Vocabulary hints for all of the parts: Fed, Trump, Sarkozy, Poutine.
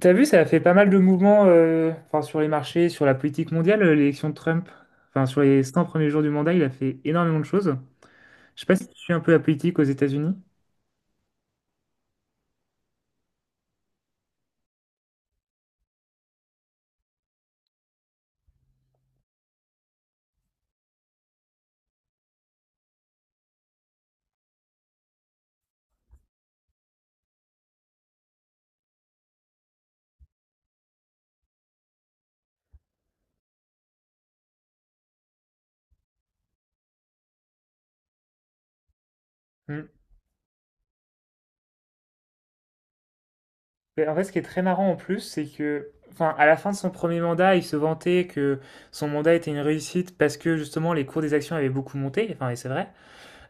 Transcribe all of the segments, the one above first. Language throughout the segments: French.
T'as vu, ça a fait pas mal de mouvements enfin, sur les marchés, sur la politique mondiale, l'élection de Trump. Enfin, sur les 100 premiers jours du mandat, il a fait énormément de choses. Je sais pas si tu suis un peu la politique aux États-Unis. Mm. Mais en fait, ce qui est très marrant en plus, c'est que, enfin, à la fin de son premier mandat, il se vantait que son mandat était une réussite parce que justement les cours des actions avaient beaucoup monté. Enfin, et c'est vrai.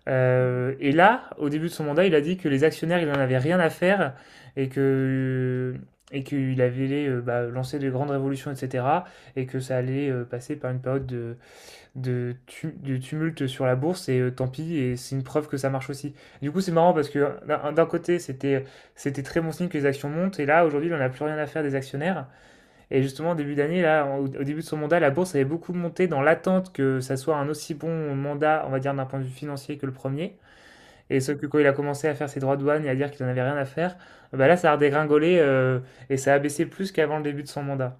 Et là, au début de son mandat, il a dit que les actionnaires, il n'en avait rien à faire et que et qu'il avait bah, lancé de grandes révolutions, etc. Et que ça allait passer par une période de tumulte sur la bourse, et tant pis, et c'est une preuve que ça marche aussi. Du coup, c'est marrant parce que d'un côté, c'était très bon signe que les actions montent, et là, aujourd'hui, on n'a plus rien à faire des actionnaires. Et justement, au début d'année, là, au début de son mandat, la bourse avait beaucoup monté dans l'attente que ça soit un aussi bon mandat, on va dire, d'un point de vue financier que le premier. Et sauf que quand il a commencé à faire ses droits de douane et à dire qu'il en avait rien à faire, bah là, ça a redégringolé et ça a baissé plus qu'avant le début de son mandat.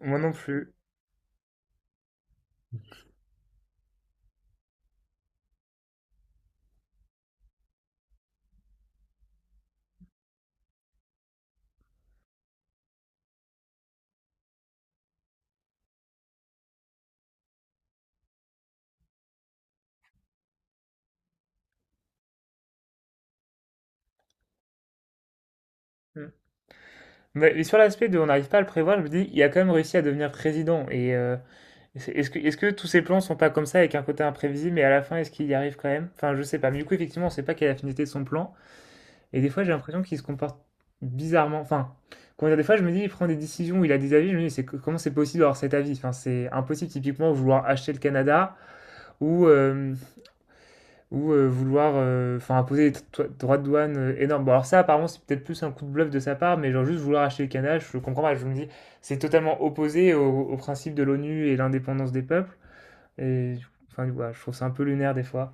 Moi non plus. Mm. Mais sur l'aspect de on n'arrive pas à le prévoir, je me dis, il a quand même réussi à devenir président. Et est-ce que tous ces plans sont pas comme ça, avec un côté imprévisible, mais à la fin, est-ce qu'il y arrive quand même? Enfin, je sais pas. Mais du coup, effectivement, on sait pas quelle est la finalité de son plan. Et des fois, j'ai l'impression qu'il se comporte bizarrement. Enfin, comment dire, des fois, je me dis, il prend des décisions, il a des avis, je me dis, c'est, comment c'est possible d'avoir cet avis? Enfin, c'est impossible, typiquement, vouloir acheter le Canada ou, euh, ou vouloir enfin imposer des droits de douane énormes. Bon, alors ça, apparemment, c'est peut-être plus un coup de bluff de sa part, mais genre juste vouloir acheter le Canada, je comprends pas. Je me dis, c'est totalement opposé au, au principe de l'ONU et l'indépendance des peuples. Et enfin, voilà, je trouve ça un peu lunaire des fois.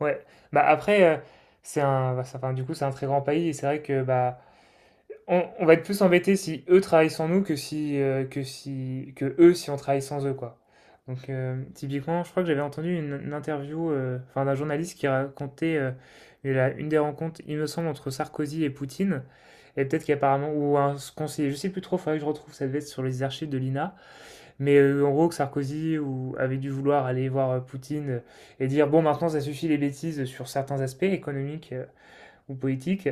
Ouais. Bah après, c'est un, bah, enfin, du coup, c'est un très grand pays et c'est vrai que bah on va être plus embêté si eux travaillent sans nous que si, que si, que eux si on travaille sans eux, quoi. Donc, typiquement, je crois que j'avais entendu une interview enfin, d'un journaliste qui racontait une des rencontres, il me semble, entre Sarkozy et Poutine. Et peut-être qu'apparemment, ou un conseiller, je sais plus trop, faudrait que je retrouve, ça devait être sur les archives de l'INA. Mais en gros, que Sarkozy ou, avait dû vouloir aller voir Poutine et dire, bon, maintenant, ça suffit les bêtises sur certains aspects économiques ou politiques.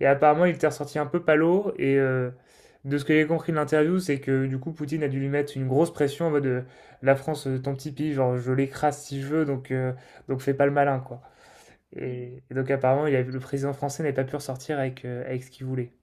Et apparemment, il était ressorti un peu palo. Et de ce que j'ai compris de l'interview, c'est que du coup, Poutine a dû lui mettre une grosse pression en mode la France, ton petit pays, genre je l'écrase si je veux, donc fais pas le malin, quoi. Et donc, apparemment, le président français n'avait pas pu ressortir avec, avec ce qu'il voulait.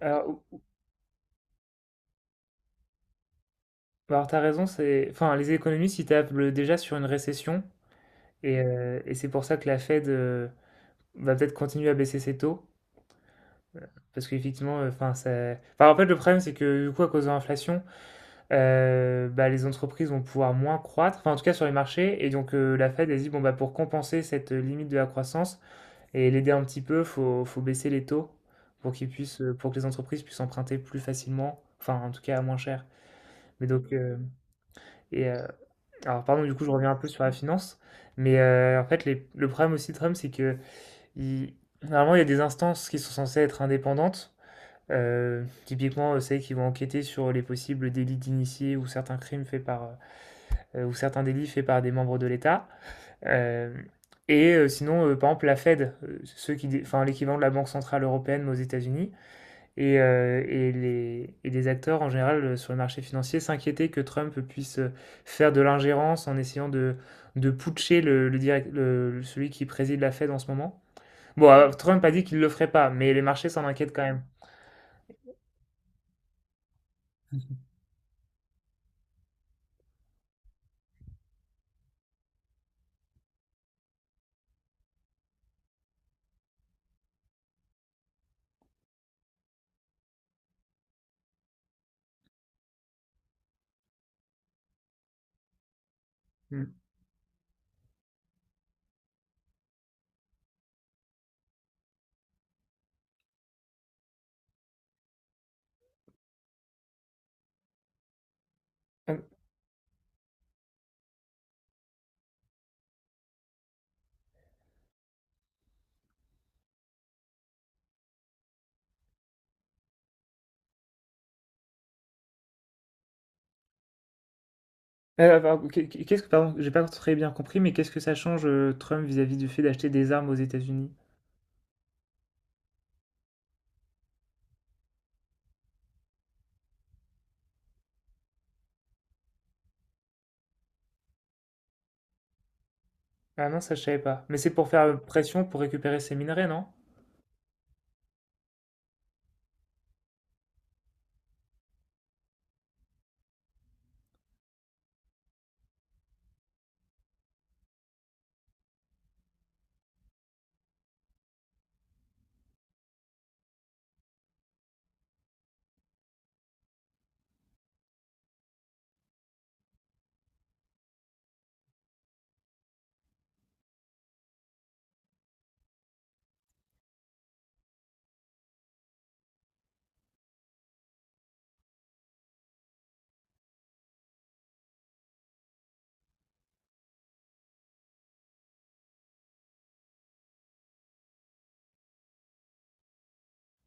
Alors, alors, t'as raison, c'est, enfin, les économistes, ils tablent déjà sur une récession. Et c'est pour ça que la Fed va peut-être continuer à baisser ses taux. Parce qu'effectivement, enfin, enfin, en fait, le problème, c'est que du coup, à cause de l'inflation, bah, les entreprises vont pouvoir moins croître, enfin, en tout cas sur les marchés et donc la Fed, a dit: «Bon, bah, pour compenser cette, limite de la croissance et l'aider un petit peu, faut baisser les taux pour qu'ils puissent, pour que les entreprises puissent emprunter plus facilement, enfin, en tout cas, à moins cher». Mais donc et heu, alors pardon, du coup, je reviens un peu sur la finance, mais en fait, les le problème aussi de Trump, c'est qu'il normalement, il y a des instances qui sont censées être indépendantes, typiquement, celles qui vont enquêter sur les possibles délits d'initiés ou certains crimes faits par, ou certains délits faits par des membres de l'État. Euh, et sinon, par exemple, la Fed, ceux qui, enfin, l'équivalent de la Banque Centrale Européenne mais aux États-Unis, et, et les acteurs en général sur le marché financier s'inquiétaient que Trump puisse faire de l'ingérence en essayant de putcher le celui qui préside la Fed en ce moment. Bon, Trump a dit qu'il ne le ferait pas, mais les marchés s'en inquiètent quand même. Mm. Euh, pardon, qu'est-ce que, pardon, j'ai pas très bien compris, mais qu'est-ce que ça change Trump vis-à-vis du fait d'acheter des armes aux États-Unis? Ah non, ça je savais pas. Mais c'est pour faire pression pour récupérer ces minerais, non?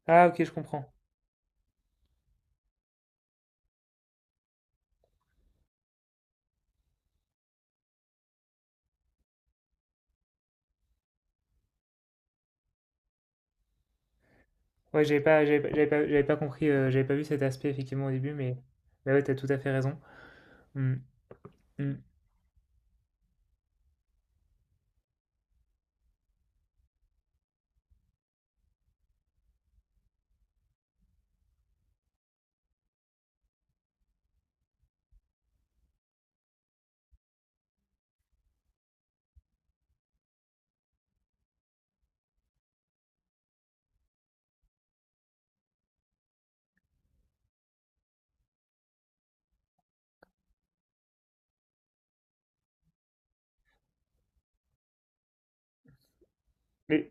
Ah ok, je comprends. Ouais, j'avais pas compris, j'avais pas vu cet aspect effectivement au début, mais ouais, t'as tout à fait raison. Hmm, hmm. Mais,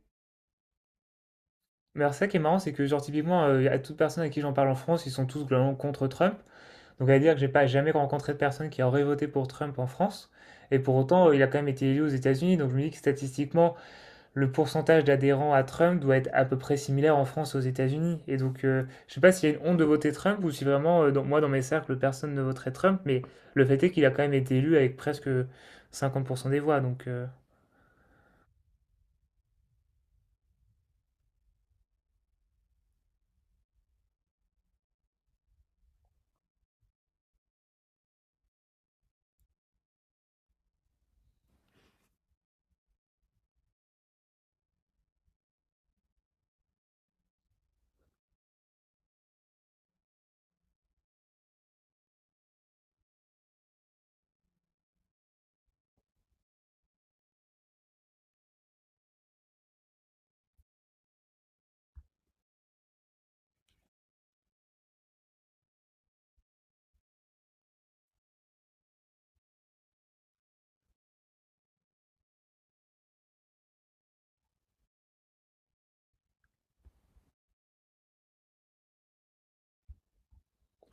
mais alors ça qui est marrant, c'est que genre typiquement, à toute personne à qui j'en parle en France, ils sont tous globalement contre Trump. Donc à dire que j'ai pas jamais rencontré de personne qui aurait voté pour Trump en France. Et pour autant, il a quand même été élu aux États-Unis. Donc je me dis que statistiquement, le pourcentage d'adhérents à Trump doit être à peu près similaire en France aux États-Unis. Et donc, je ne sais pas s'il y a une honte de voter Trump ou si vraiment, moi, dans mes cercles, personne ne voterait Trump, mais le fait est qu'il a quand même été élu avec presque 50% des voix. Donc,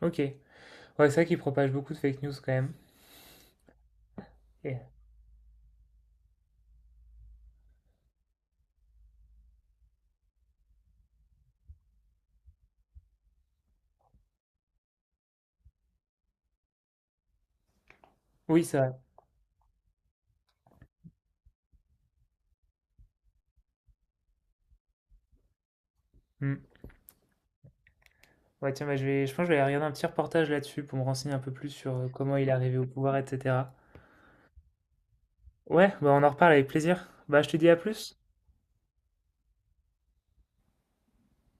ok. Ouais, c'est vrai qu'il propage beaucoup de fake news quand même. Et- Oui, c'est vrai. Hmm. Ouais, tiens, bah, je pense que je vais aller regarder un petit reportage là-dessus pour me renseigner un peu plus sur comment il est arrivé au pouvoir, etc. Ouais, bah, on en reparle avec plaisir. Bah, je te dis à plus.